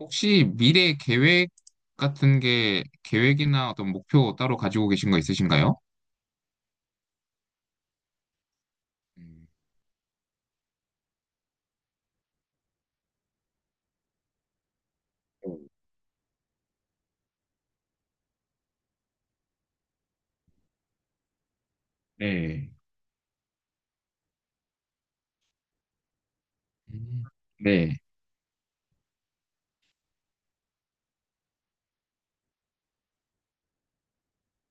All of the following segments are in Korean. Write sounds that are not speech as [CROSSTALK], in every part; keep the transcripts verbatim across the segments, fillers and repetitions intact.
혹시 미래 계획 같은 게 계획이나 어떤 목표 따로 가지고 계신 거 있으신가요? 음, 네. 네, 음, 네,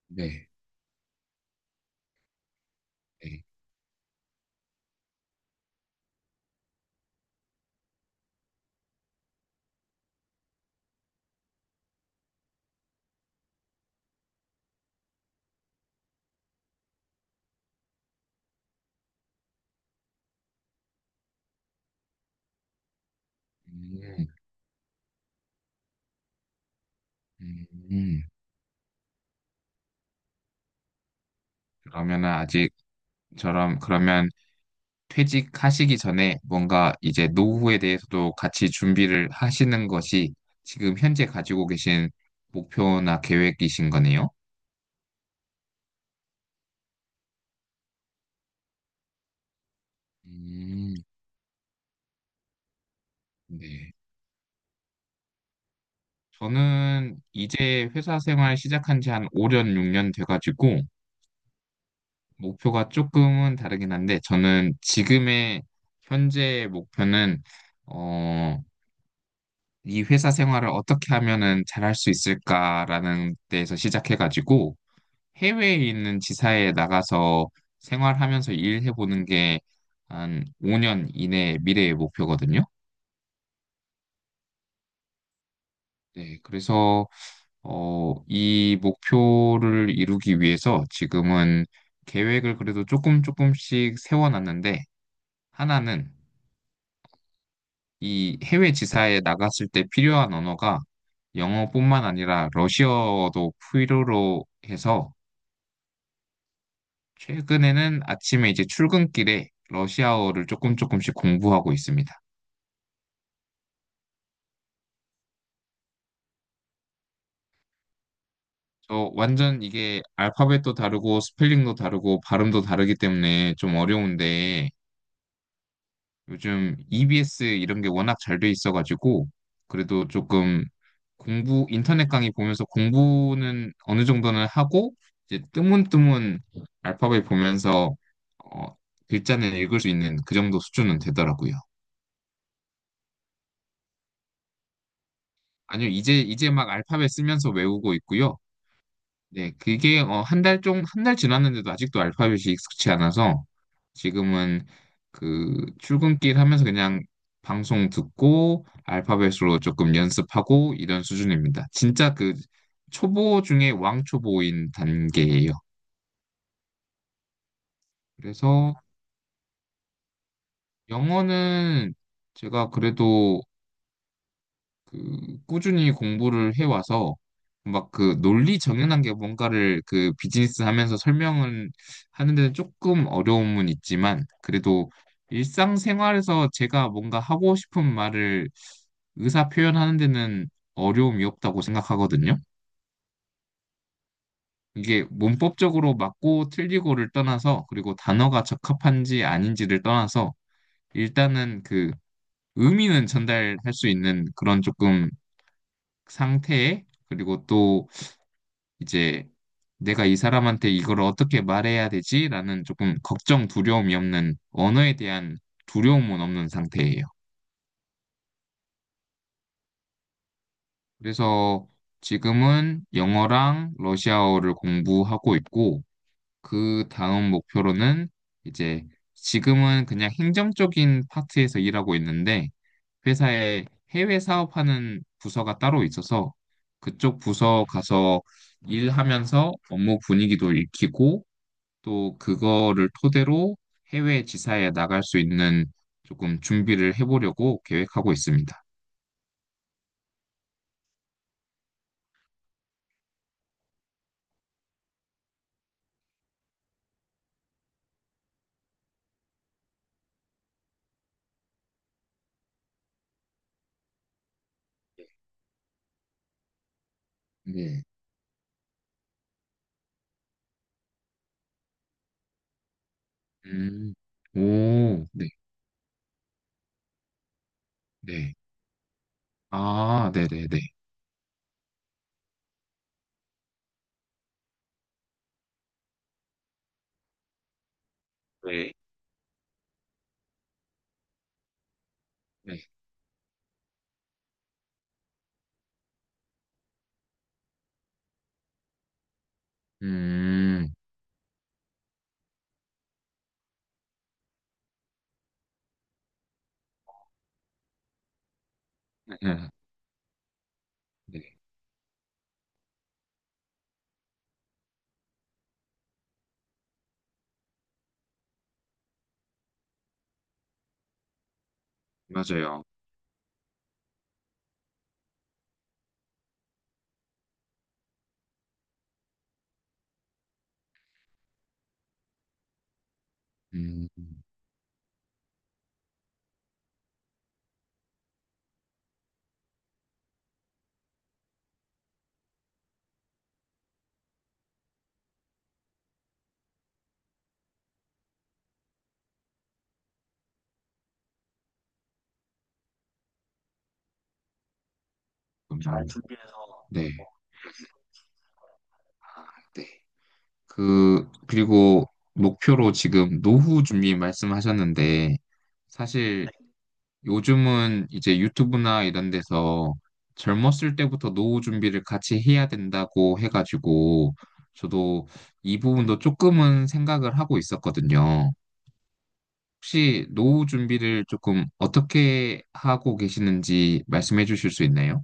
네, 네. 음, 음. 그러면은 아직 저럼 그러면 퇴직하시기 전에 뭔가 이제 노후에 대해서도 같이 준비를 하시는 것이 지금 현재 가지고 계신 목표나 계획이신 거네요? 음, 네. 저는 이제 회사 생활 시작한 지 한 오 년, 육 년 돼가지고, 목표가 조금은 다르긴 한데, 저는 지금의 현재 목표는, 어, 이 회사 생활을 어떻게 하면은 잘할 수 있을까라는 데에서 시작해가지고, 해외에 있는 지사에 나가서 생활하면서 일해보는 게 한 오 년 이내 미래의 목표거든요. 네, 그래서 어, 이 목표를 이루기 위해서 지금은 계획을 그래도 조금 조금씩 세워놨는데, 하나는 이 해외 지사에 나갔을 때 필요한 언어가 영어뿐만 아니라 러시아어도 필요로 해서 최근에는 아침에 이제 출근길에 러시아어를 조금 조금씩 공부하고 있습니다. 저 완전 이게 알파벳도 다르고 스펠링도 다르고 발음도 다르기 때문에 좀 어려운데, 요즘 이비에스 이런 게 워낙 잘 돼 있어가지고 그래도 조금 공부 인터넷 강의 보면서 공부는 어느 정도는 하고 이제 뜨문뜨문 알파벳 보면서 어, 글자는 읽을 수 있는 그 정도 수준은 되더라고요. 아니요, 이제 이제 막 알파벳 쓰면서 외우고 있고요. 네, 그게 어, 한 달 좀, 한 달 지났는데도 아직도 알파벳이 익숙치 않아서 지금은 그 출근길 하면서 그냥 방송 듣고 알파벳으로 조금 연습하고 이런 수준입니다. 진짜 그 초보 중에 왕초보인 단계예요. 그래서 영어는 제가 그래도 그 꾸준히 공부를 해와서 막 그 논리 정연한 게 뭔가를 그 비즈니스 하면서 설명은 하는 데는 조금 어려움은 있지만 그래도 일상생활에서 제가 뭔가 하고 싶은 말을 의사 표현하는 데는 어려움이 없다고 생각하거든요. 이게 문법적으로 맞고 틀리고를 떠나서 그리고 단어가 적합한지 아닌지를 떠나서 일단은 그 의미는 전달할 수 있는 그런 조금 상태 그리고 또 이제 내가 이 사람한테 이걸 어떻게 말해야 되지라는 조금 걱정, 두려움이 없는 언어에 대한 두려움은 없는 상태예요. 그래서 지금은 영어랑 러시아어를 공부하고 있고 그 다음 목표로는 이제 지금은 그냥 행정적인 파트에서 일하고 있는데 회사에 해외 사업하는 부서가 따로 있어서 그쪽 부서 가서 일하면서 업무 분위기도 익히고 또 그거를 토대로 해외 지사에 나갈 수 있는 조금 준비를 해보려고 계획하고 있습니다. 네. 음. 오, 네, 네. 아, 네네네. 네, 네. 음, 네. 음. [LAUGHS] 네. 맞아요. 음, 그럼 그 네. 어, 아, 네. 그, 그리고 목표로 지금 노후 준비 말씀하셨는데, 사실 요즘은 이제 유튜브나 이런 데서 젊었을 때부터 노후 준비를 같이 해야 된다고 해가지고 저도 이 부분도 조금은 생각을 하고 있었거든요. 혹시 노후 준비를 조금 어떻게 하고 계시는지 말씀해 주실 수 있나요?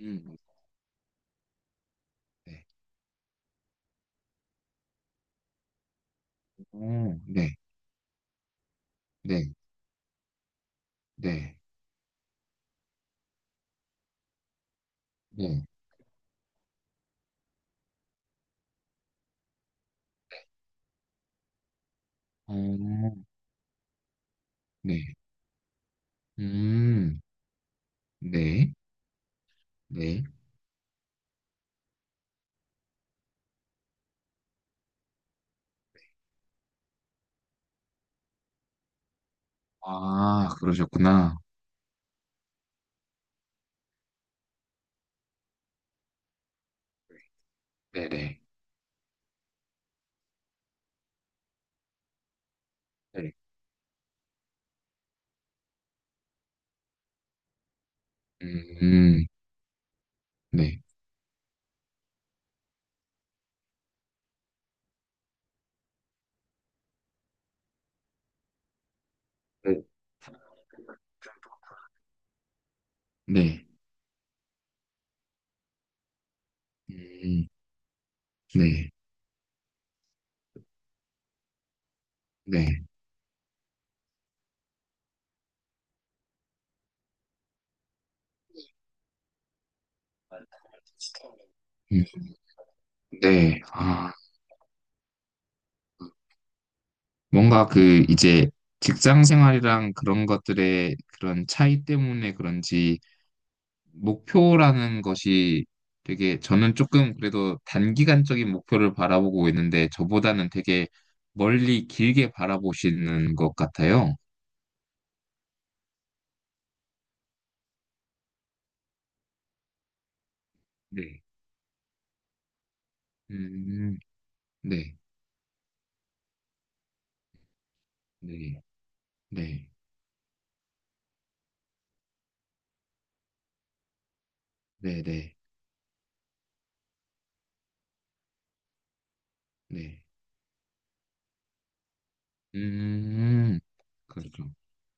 음, 네. 오, 네, 네, 네, 네. 오, 네. 음, 네, 네. 아, 그러셨구나. 네네. 네. 네. 음, 네. 네. 네. 음, 네. 네. 음, 네. 아, 뭔가 그 이제 직장 생활이랑 그런 것들의 그런 차이 때문에 그런지 목표라는 것이 되게 저는 조금 그래도 단기간적인 목표를 바라보고 있는데 저보다는 되게 멀리 길게 바라보시는 것 같아요. 네. 음, 네. 네. 네. 네. 네. 네. 음, 그렇죠.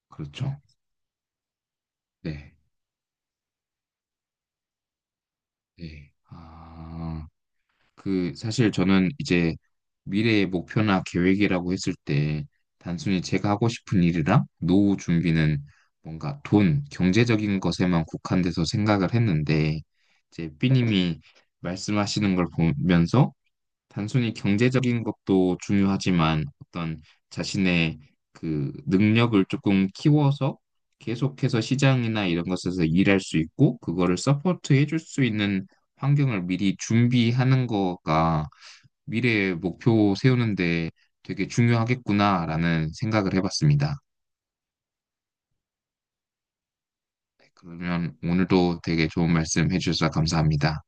그렇죠. 네. 네. 아, 그, 사실 저는 이제 미래의 목표나 계획이라고 했을 때, 단순히 제가 하고 싶은 일이랑 노후 준비는 뭔가 돈, 경제적인 것에만 국한돼서 생각을 했는데, 이제 삐님이 말씀하시는 걸 보면서 단순히 경제적인 것도 중요하지만 어떤 자신의 그 능력을 조금 키워서 계속해서 시장이나 이런 것에서 일할 수 있고 그거를 서포트 해줄 수 있는 환경을 미리 준비하는 거가 미래의 목표 세우는데 되게 중요하겠구나라는 생각을 해봤습니다. 네, 그러면 오늘도 되게 좋은 말씀 해주셔서 감사합니다.